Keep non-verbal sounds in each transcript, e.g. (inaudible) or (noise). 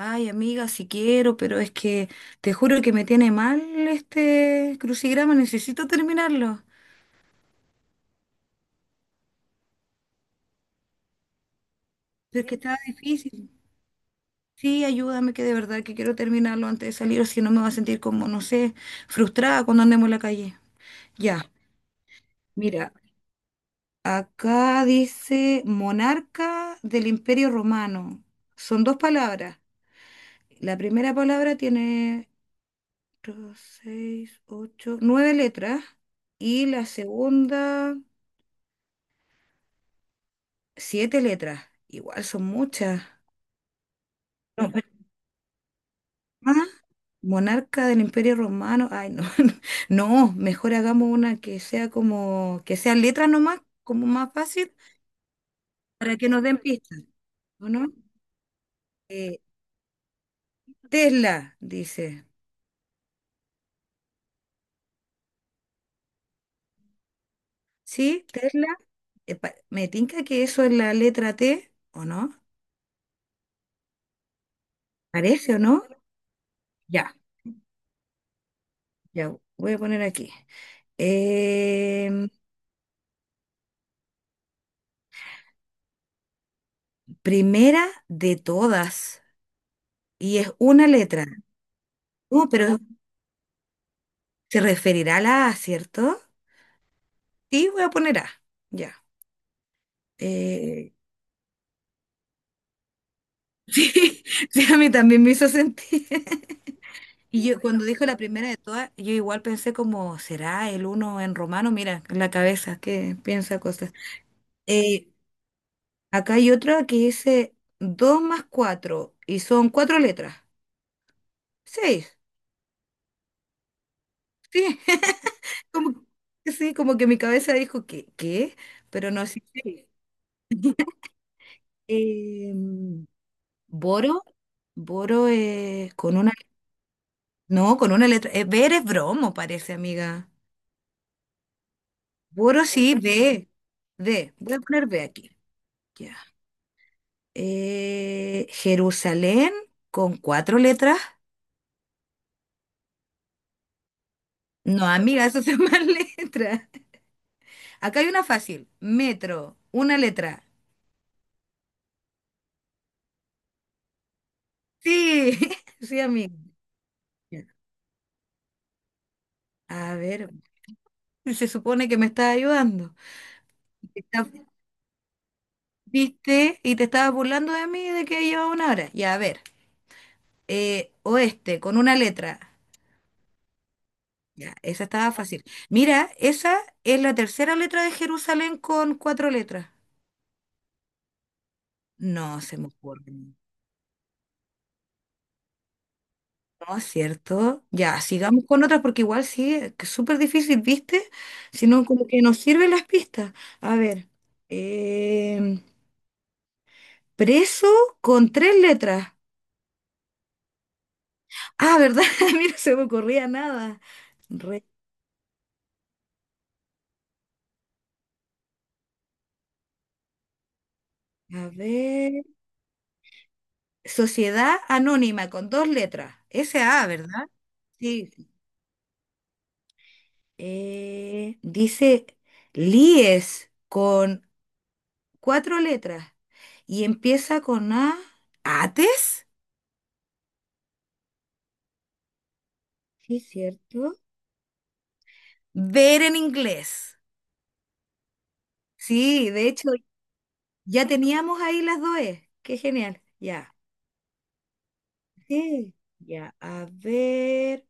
Ay, amiga, si quiero, pero es que te juro que me tiene mal este crucigrama, necesito terminarlo. Pero es que está difícil. Sí, ayúdame, que de verdad que quiero terminarlo antes de salir, o si no me va a sentir como, no sé, frustrada cuando andemos en la calle. Ya, mira, acá dice monarca del Imperio Romano. Son dos palabras. La primera palabra tiene dos, seis, ocho, nueve letras. Y la segunda. Siete letras, igual son muchas. No, pero más, monarca del Imperio Romano, ay no, (laughs) no, mejor hagamos una que sea como, que sea letra nomás, como más fácil, para que nos den pistas, ¿o no? Eh, Tesla, dice, ¿sí? Tesla, me tinca que eso es la letra T, ¿o no? ¿Parece o no? Ya, ya, voy a poner aquí. Em, primera de todas, y es una letra. No, pero es se referirá a la A, ¿cierto? Sí, voy a poner A. Ya. Eh, (laughs) sí, sí, a mí también me hizo sentir. (laughs) Y yo cuando dijo la primera de todas, yo igual pensé como, ¿será el uno en romano? Mira, en la cabeza, que piensa cosas. Eh, acá hay otra que dice 2 más 4 y son cuatro letras. Seis. Sí, (laughs) como, sí, como que mi cabeza dijo, que ¿Qué? Pero no, sí. (laughs) sí. Em, ¿boro? Boro es con una. No, con una letra. Ver es bromo, parece, amiga. Boro sí, B. B. Voy a poner B aquí. Ya. Jerusalén con cuatro letras. No, amiga, eso son (laughs) más letras. Acá hay una fácil. Metro, una letra. Sí, (laughs) sí, amiga. Ya. A ver, se supone que me estás ayudando. Está- Viste y te estabas burlando de mí de que llevaba una hora. Ya, a ver. Oeste, con una letra. Ya, esa estaba fácil. Mira, esa es la tercera letra de Jerusalén con cuatro letras. No se me ocurre. No es cierto. Ya, sigamos con otras porque igual sí, es que es súper difícil, ¿viste? Si no, como que nos sirven las pistas. A ver, em, preso con tres letras. Ah, ¿verdad? (laughs) Mira, se me ocurría nada. Re- a ver, sociedad anónima con dos letras. SA, ¿verdad? Sí. Dice Lies con cuatro letras y empieza con A. ¿Ates? Sí, cierto. Ver en inglés. Sí, de hecho, ya teníamos ahí las dos E. Qué genial. Ya. Sí. Ya, a ver.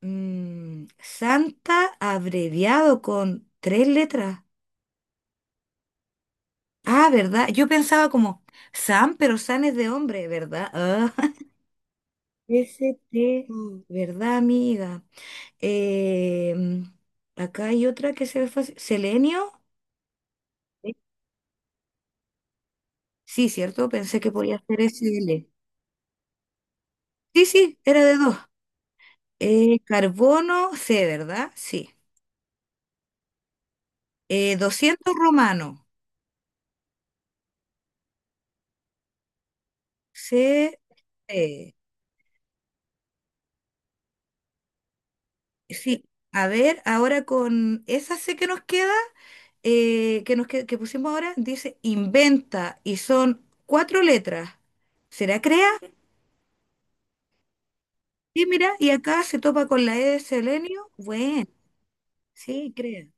Santa abreviado con tres letras. Ah, ¿verdad? Yo pensaba como Sam, pero San es de hombre, ¿verdad? Ah. ST, Mm. ¿Verdad, amiga? Em, acá hay otra que se ve fácil. ¿Selenio? ¿Eh? Sí, ¿cierto? Pensé que podía ser S L. Sí, sí, era de dos. Carbono, C, ¿verdad? Sí. 200 romano, CC. Sí. A ver, ahora con esa C que nos queda, que pusimos ahora, dice inventa y son cuatro letras. ¿Será crea? Sí, mira, y acá se topa con la E de selenio. Bueno, sí, creo.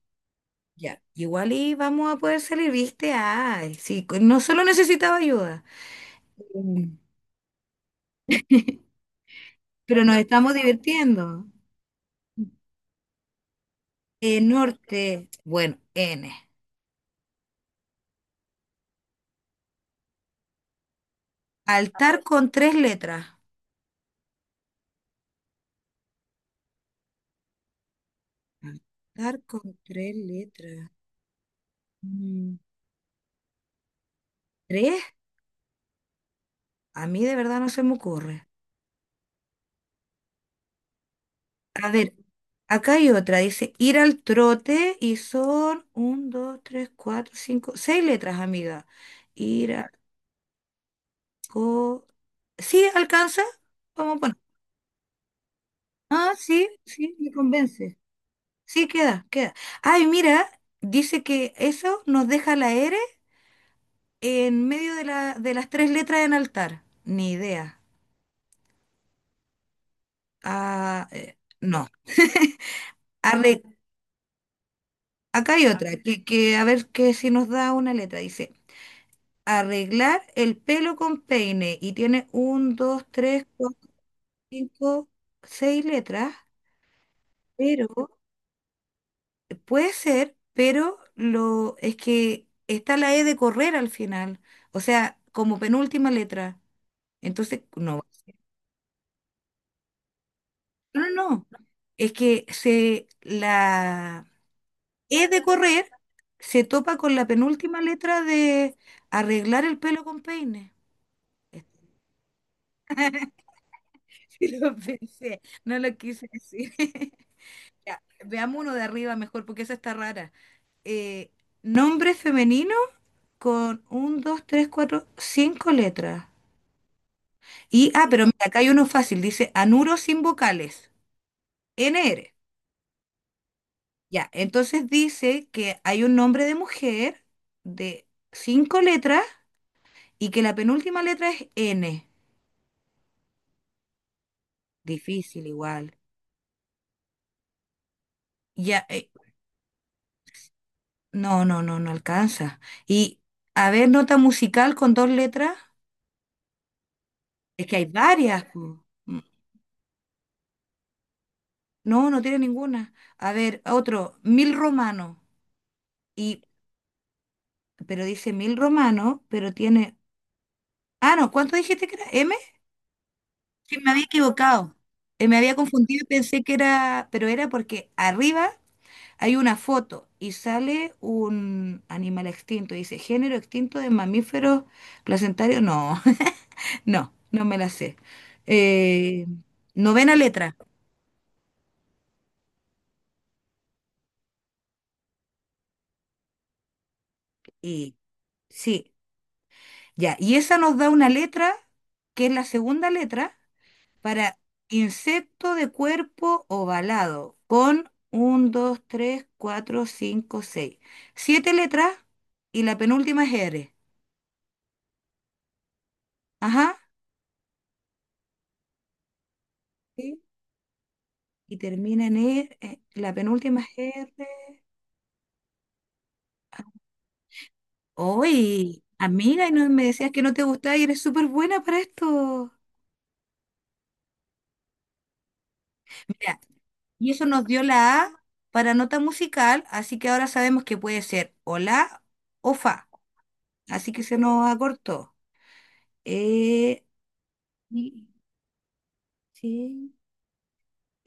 Ya, igual y vamos a poder salir, ¿viste? Ay, sí, no solo necesitaba ayuda. Mm. (laughs) Pero nos estamos divirtiendo. Norte, bueno, N. Altar con tres letras. Altar con tres letras. Mm, ¿Tres? A mí de verdad no se me ocurre. A ver, acá hay otra, dice ir al trote y son un, dos, tres, cuatro, cinco, seis letras, amiga. Iraco. Sí, alcanza. Vamos a poner. Ah, sí, sí, me convence. Sí, queda, queda. Ay, mira, dice que eso nos deja la R en medio de las tres letras en altar. Ni idea. Ah, no. (laughs) Arre- Acá hay otra, que a ver que si nos da una letra. Dice, arreglar el pelo con peine. Y tiene un, dos, tres, cuatro, cinco, seis letras. Pero Puede ser, pero lo es que está la E de correr al final, o sea, como penúltima letra. Entonces, no. No, no, no. Es que se la E de correr se topa con la penúltima letra de arreglar el pelo con peine. (laughs) Sí lo pensé, no lo quise decir. (laughs) Ya, veamos uno de arriba mejor, porque esa está rara. Eh, nombre femenino con un, dos, tres, cuatro, cinco letras. Y, ah, pero mira, acá hay uno fácil, dice anuro sin vocales, NR. Ya, entonces dice que hay un nombre de mujer de cinco letras y que la penúltima letra es N. Difícil igual. Ya, no, no, no, no alcanza. Y, a ver, nota musical con dos letras. Es que hay varias. No, no tiene ninguna. A ver, otro, mil romano. Y, pero dice mil romano, pero tiene. Ah, no, ¿cuánto dijiste que era? Sí, me había equivocado. Me había confundido y pensé que era, pero era porque arriba hay una foto y sale un animal extinto. Dice, género extinto de mamíferos placentarios. No, (laughs) no, no me la sé. Eh, novena letra. Y sí, ya. Y esa nos da una letra que es la segunda letra. Para insecto de cuerpo ovalado, con 1, dos, tres, cuatro, cinco, seis, siete letras y la penúltima es R. Ajá. Sí, y termina en R. La penúltima es R. Oye, amiga, y no me decías que no te gustaba y eres súper buena para esto. Mira, y eso nos dio la A para nota musical, así que ahora sabemos que puede ser o la o fa. Así que se nos acortó. Eh, Sí.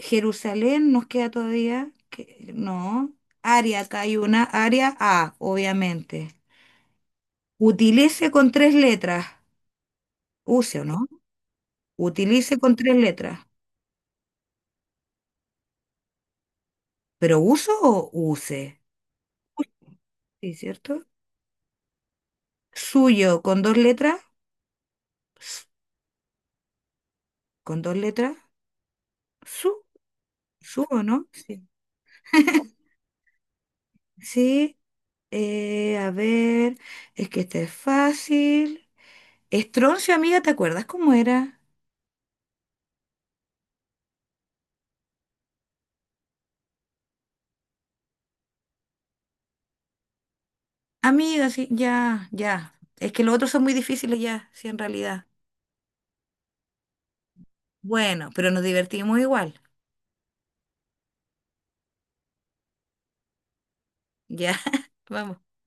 Jerusalén nos queda todavía, que, no. Área, acá hay una área A, obviamente. Utilice con tres letras. Use, ¿o no? Utilice con tres letras. ¿Pero uso o use? Sí, ¿cierto? Suyo con dos letras. s- Con dos letras. Su, su, ¿o no? Sí. (laughs) Sí, a ver, es que este es fácil. Estroncio, amiga, ¿te acuerdas cómo era? Amiga, sí, ya, ya. Es que los otros son muy difíciles ya, sí, en realidad. Bueno, pero nos divertimos igual. Ya, (laughs) vamos.